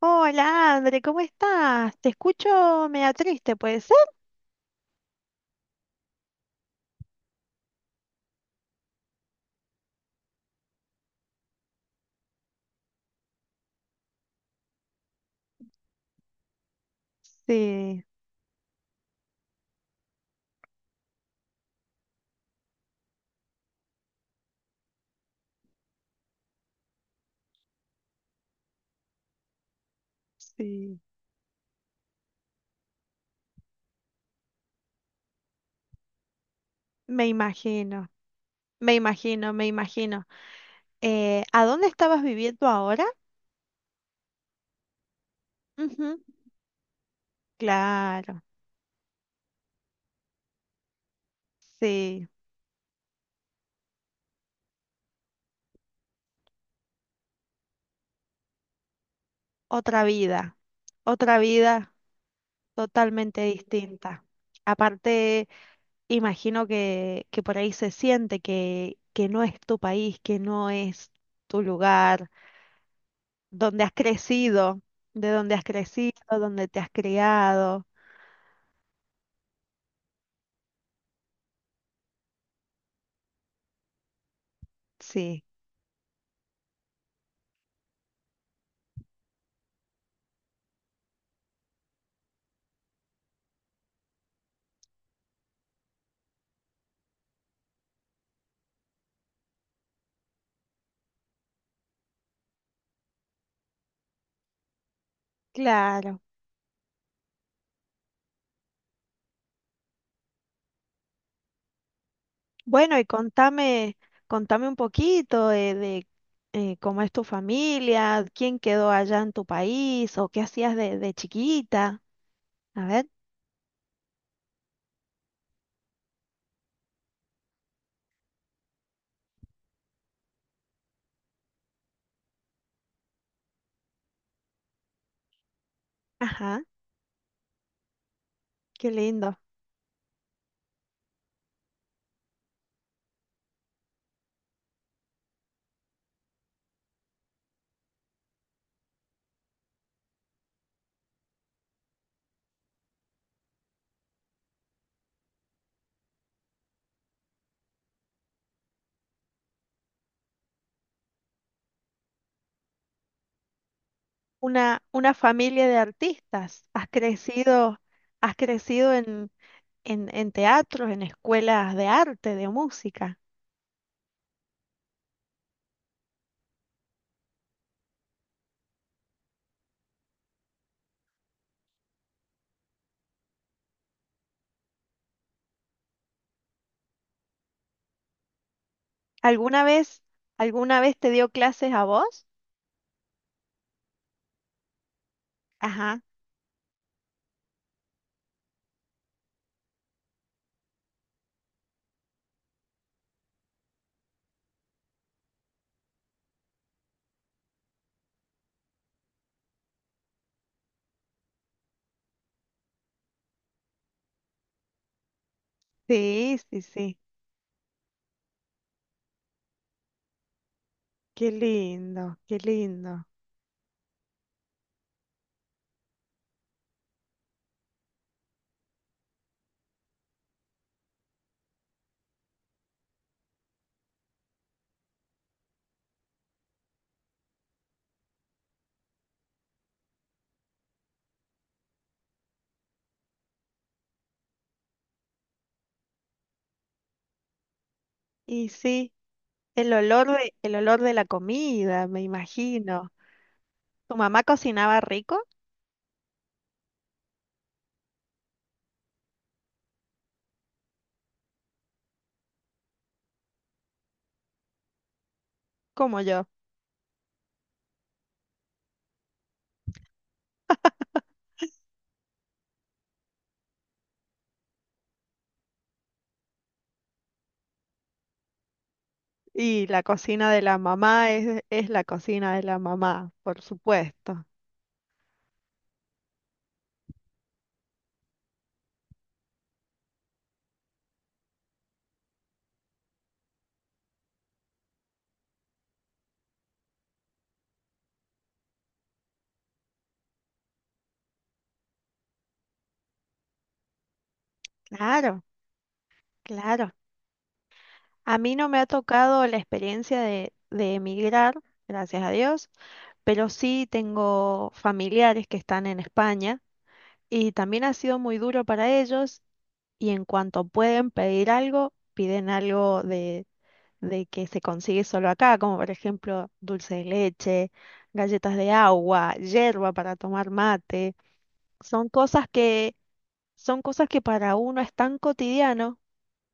Hola, André, ¿cómo estás? Te escucho media triste, ¿puede ser? Sí, sí. Me imagino, me imagino, me imagino. ¿A dónde estabas viviendo ahora? Ujú, claro, sí. Otra vida, otra vida totalmente distinta. Aparte, imagino que por ahí se siente que no es tu país, que no es tu lugar donde has crecido, de donde has crecido, donde te has criado. Sí, claro. Bueno, y contame, contame un poquito cómo es tu familia, quién quedó allá en tu país o qué hacías de chiquita. A ver, ajá, qué lindo. Una familia de artistas. Has crecido en, en teatros, en escuelas de arte, de música. ¿Alguna vez, alguna vez te dio clases a vos? Ajá, sí, sí, sí. Qué lindo, qué lindo. Y sí, el olor de la comida, me imagino. Tu mamá cocinaba rico, como yo. Y la cocina de la mamá es la cocina de la mamá, por supuesto. Claro, claro. A mí no me ha tocado la experiencia de emigrar, gracias a Dios, pero sí tengo familiares que están en España y también ha sido muy duro para ellos y en cuanto pueden pedir algo, piden algo de que se consigue solo acá, como por ejemplo dulce de leche, galletas de agua, yerba para tomar mate. Son cosas que, son cosas que para uno es tan cotidiano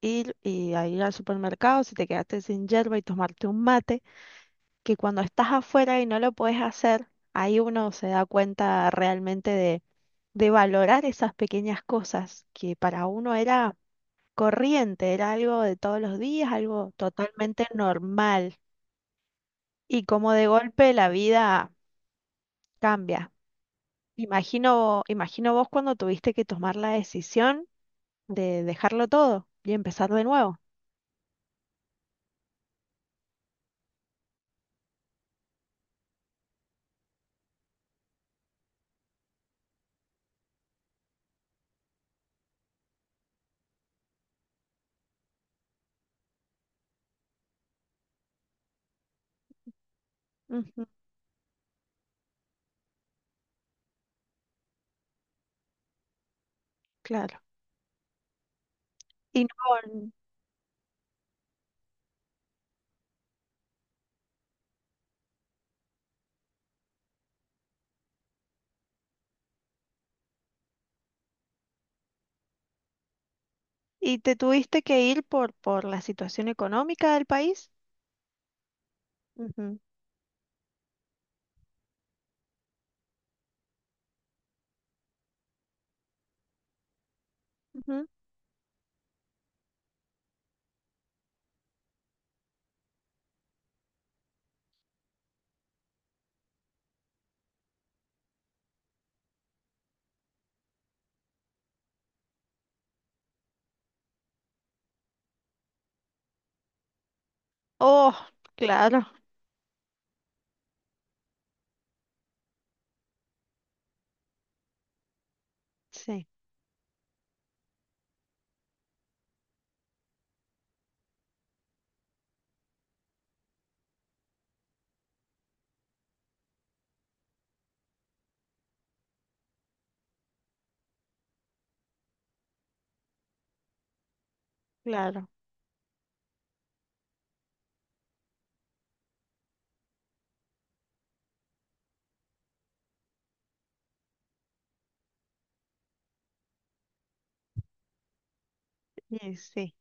ir y a ir al supermercado si te quedaste sin yerba y tomarte un mate, que cuando estás afuera y no lo puedes hacer, ahí uno se da cuenta realmente de valorar esas pequeñas cosas que para uno era corriente, era algo de todos los días, algo totalmente normal. Y como de golpe la vida cambia. Imagino, imagino vos cuando tuviste que tomar la decisión de dejarlo todo y empezar de nuevo. Ujú, claro. Y no, y te tuviste que ir por la situación económica del país. Ujú, ujú. Oh, claro. Sí, claro. Y sí,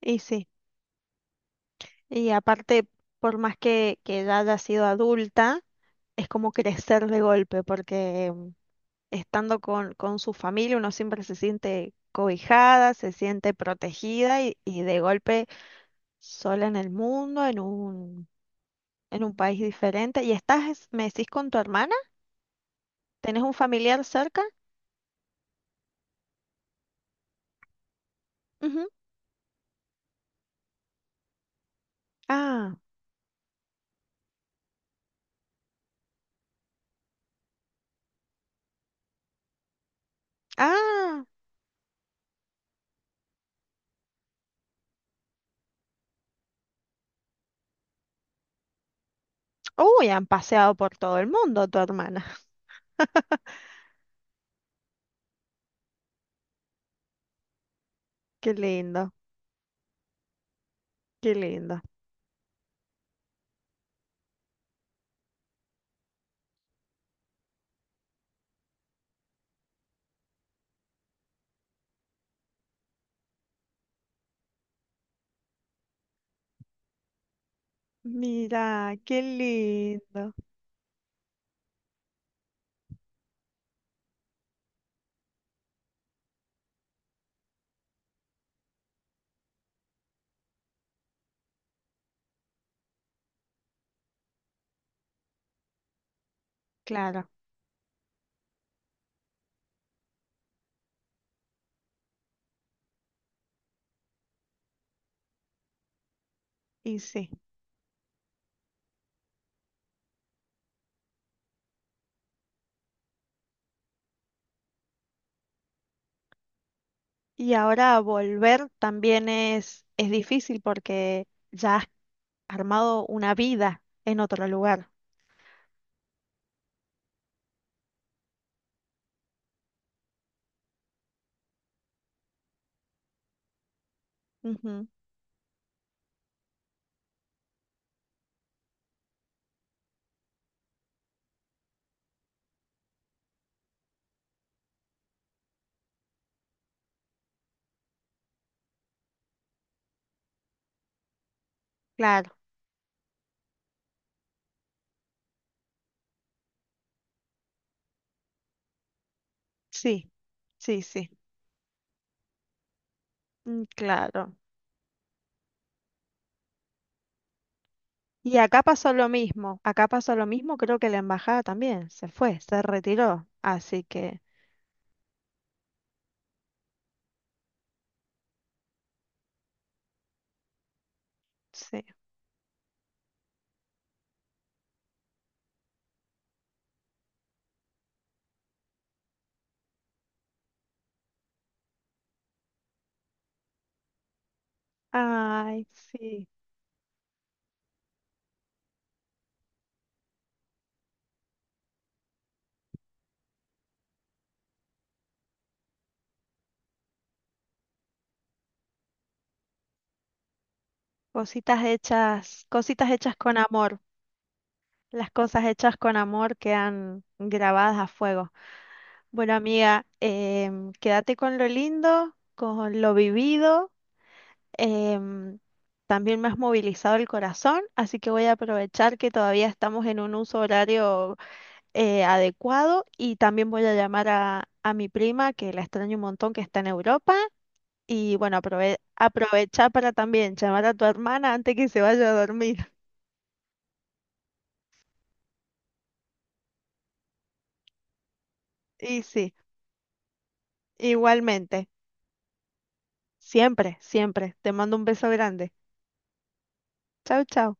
y sí. Y aparte, por más que ya haya sido adulta, es como crecer de golpe, porque estando con su familia uno siempre se siente cobijada, se siente protegida y de golpe sola en el mundo, en un país diferente. ¿Y estás, me decís, con tu hermana? ¿Tenés un familiar cerca? Ujú. Ah, ah, uy, han paseado por todo el mundo tu hermana. Qué lindo, qué lindo. Mira, qué lindo. Claro, y sí. Y ahora volver también es difícil porque ya has armado una vida en otro lugar. Ujú, claro, sí, sí, sí, mm, claro. Y acá pasó lo mismo, acá pasó lo mismo, creo que la embajada también se fue, se retiró, así que sí. Ay, sí, cositas hechas con amor, las cosas hechas con amor quedan grabadas a fuego. Bueno, amiga, quédate con lo lindo, con lo vivido. em, También me has movilizado el corazón, así que voy a aprovechar que todavía estamos en un uso horario adecuado y también voy a llamar a mi prima, que la extraño un montón, que está en Europa. Y bueno, aprovecha para también llamar a tu hermana antes que se vaya a dormir. Y sí, igualmente, siempre, siempre. Te mando un beso grande. Chau, chau.